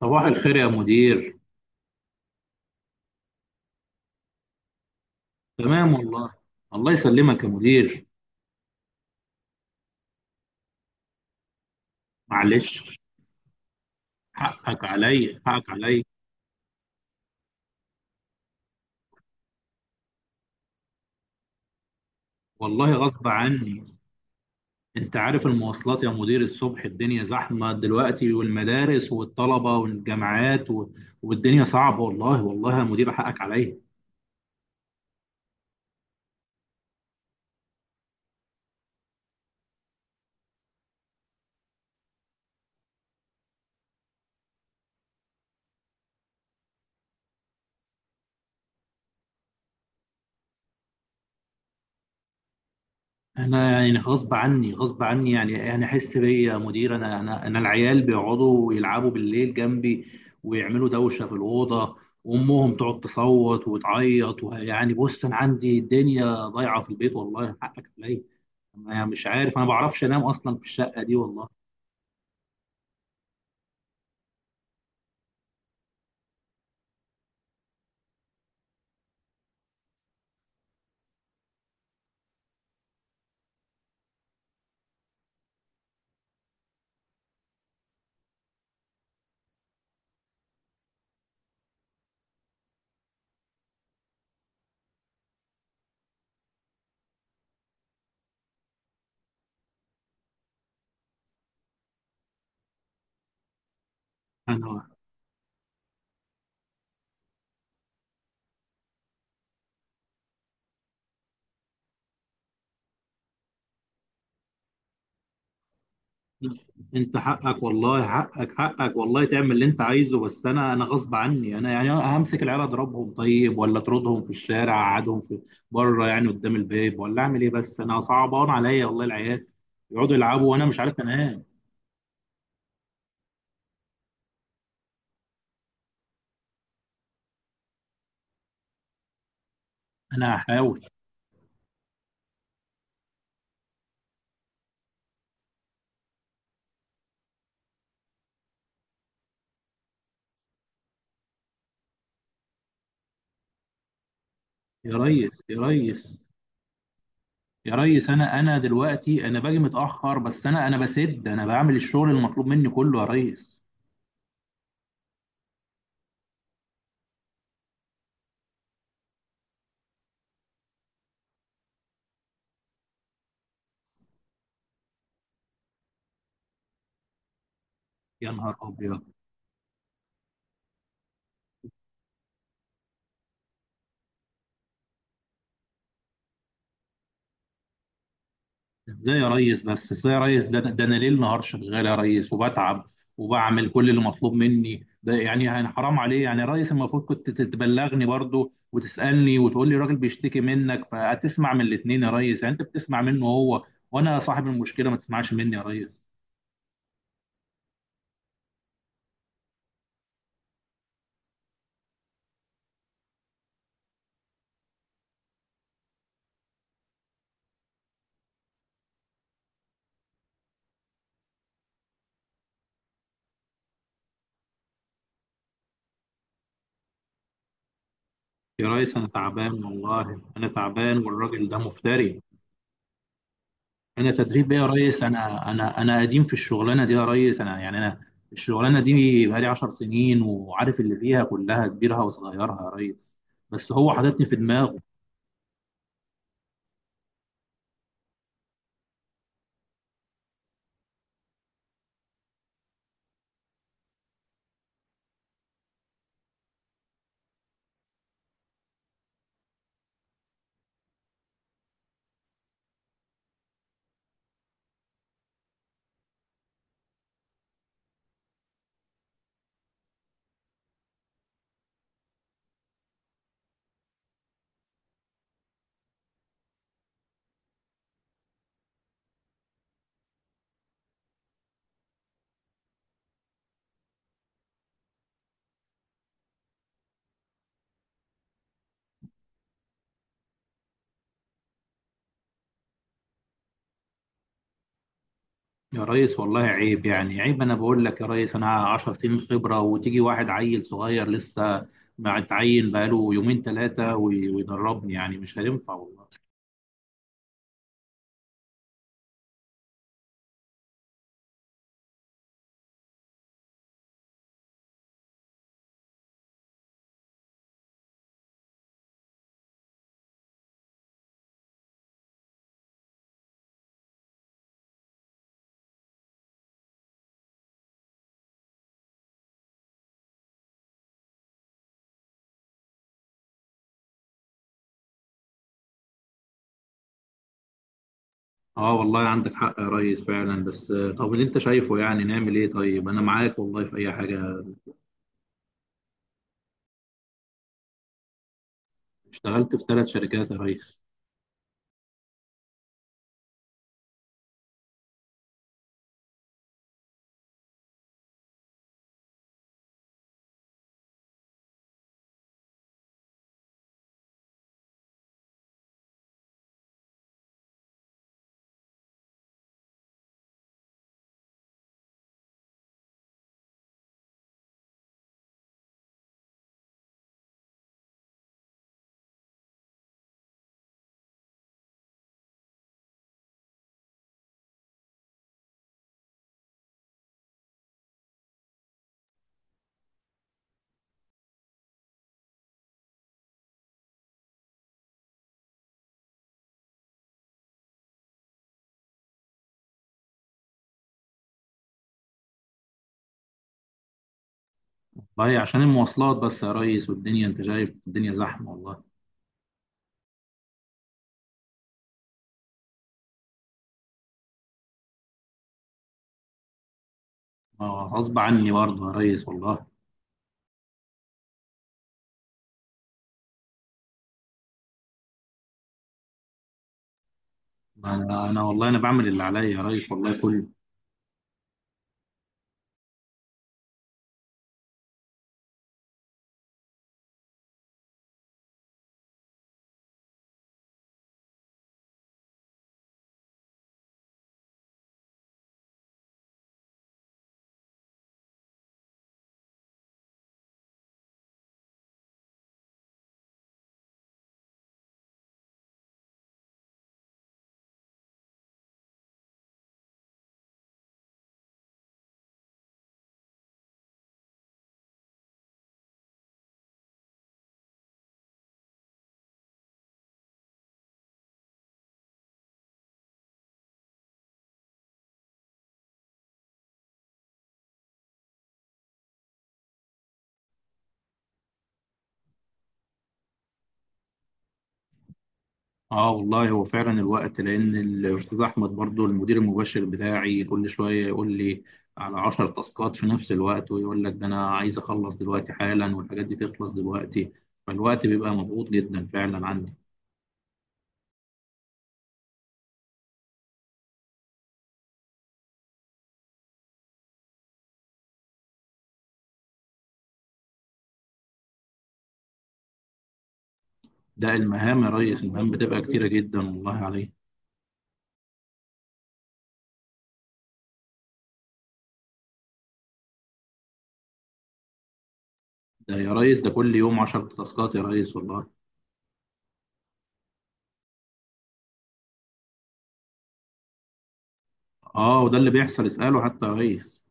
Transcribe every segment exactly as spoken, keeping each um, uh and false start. صباح الخير يا مدير. تمام والله. الله يسلمك يا مدير. معلش. حقك عليا حقك عليا. والله غصب عني. انت عارف المواصلات يا مدير، الصبح الدنيا زحمة دلوقتي، والمدارس والطلبة والجامعات و... والدنيا صعبة والله. والله يا مدير حقك عليا. انا يعني غصب عني غصب عني، يعني انا احس بيا يا مدير. انا انا انا العيال بيقعدوا يلعبوا بالليل جنبي، ويعملوا دوشه في الاوضه، وامهم تقعد تصوت وتعيط. ويعني بص، انا عندي الدنيا ضايعه في البيت والله. حقك عليا. انا مش عارف، انا ما بعرفش انام اصلا في الشقه دي والله. انا انت حقك، والله حقك حقك، والله تعمل اللي انت عايزه، بس انا انا غصب عني. انا يعني همسك العيال اضربهم طيب، ولا اطردهم في الشارع، اقعدهم في بره يعني قدام الباب، ولا اعمل ايه؟ بس انا صعبان عليا والله العيال يقعدوا يلعبوا وانا مش عارف انام. انا هحاول. يا ريس، يا ريس، يا ريس، انا انا دلوقتي انا باجي متاخر، بس انا انا بسد، انا بعمل الشغل المطلوب مني كله يا ريس. يا نهار ابيض. ازاي يا ريس؟ بس ازاي يا ريس؟ ده ده انا ليل نهار شغال يا ريس، وبتعب وبعمل كل اللي مطلوب مني. ده يعني يعني حرام عليه. يعني يا ريس المفروض كنت تبلغني برضو وتسالني وتقول لي الراجل بيشتكي منك فهتسمع من الاثنين. يا ريس، يعني انت بتسمع منه هو، وانا صاحب المشكله ما تسمعش مني يا ريس؟ يا ريس انا تعبان والله، انا تعبان، والراجل ده مفتري. انا تدريب ايه يا ريس؟ انا انا انا قديم في الشغلانه دي يا ريس. انا يعني انا الشغلانه دي بقالي عشر سنين، وعارف اللي فيها كلها، كبيرها وصغيرها يا ريس. بس هو حاططني في دماغه. يا ريس والله عيب، يعني عيب. انا بقول لك يا ريس انا عشر سنين خبره، وتيجي واحد عيل صغير لسه ما اتعين بقاله يومين ثلاثه ويدربني؟ يعني مش هينفع والله. اه والله عندك حق يا ريس فعلا، بس آه، طب اللي انت شايفه يعني نعمل ايه؟ طيب انا معاك والله في اي حاجه. اشتغلت في ثلاث شركات يا ريس. والله عشان المواصلات بس يا ريس، والدنيا انت شايف الدنيا زحمة والله. ما هو غصب عني برضه يا ريس والله. انا انا والله انا بعمل اللي عليا يا ريس والله كله. اه والله هو فعلا الوقت، لان الاستاذ احمد برضه المدير المباشر بتاعي كل شوية يقول لي على عشر تاسكات في نفس الوقت، ويقول لك ده انا عايز اخلص دلوقتي حالا والحاجات دي تخلص دلوقتي. فالوقت بيبقى مضغوط جدا فعلا عندي. ده المهام يا ريس، المهام بتبقى كتيرة جدا والله عليك. ده يا ريس ده كل يوم عشر تاسكات يا ريس والله. اه وده اللي بيحصل، اسأله حتى يا ريس.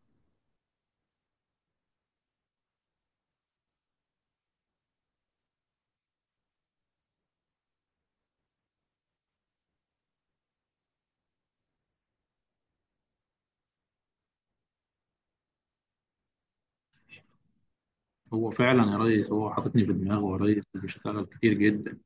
هو فعلا يا ريس هو حاططني في دماغه يا ريس، بيشتغل كتير جدا.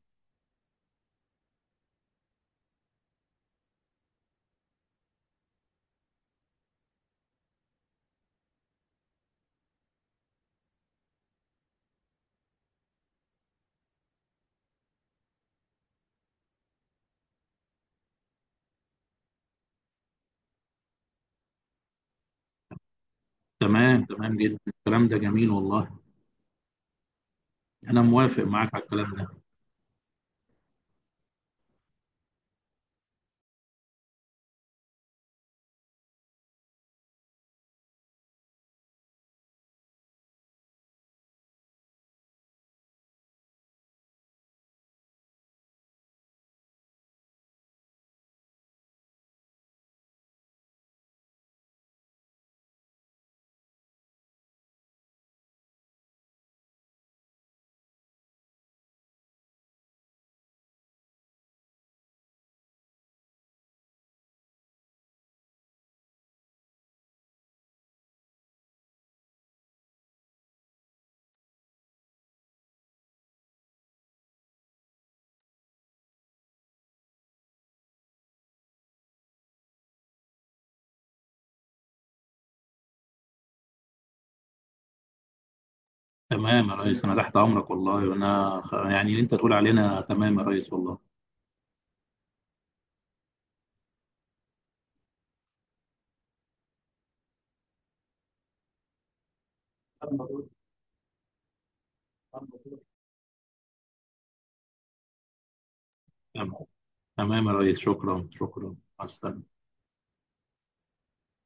تمام، تمام جدا، الكلام ده جميل والله. انا موافق معاك على الكلام ده. تمام يا ريس، انا تحت امرك والله، وانا خ- يعني اللي انت تقول علينا تمام يا ريس والله. تمام. تمام يا ريس، شكرا شكرا، مع السلامة.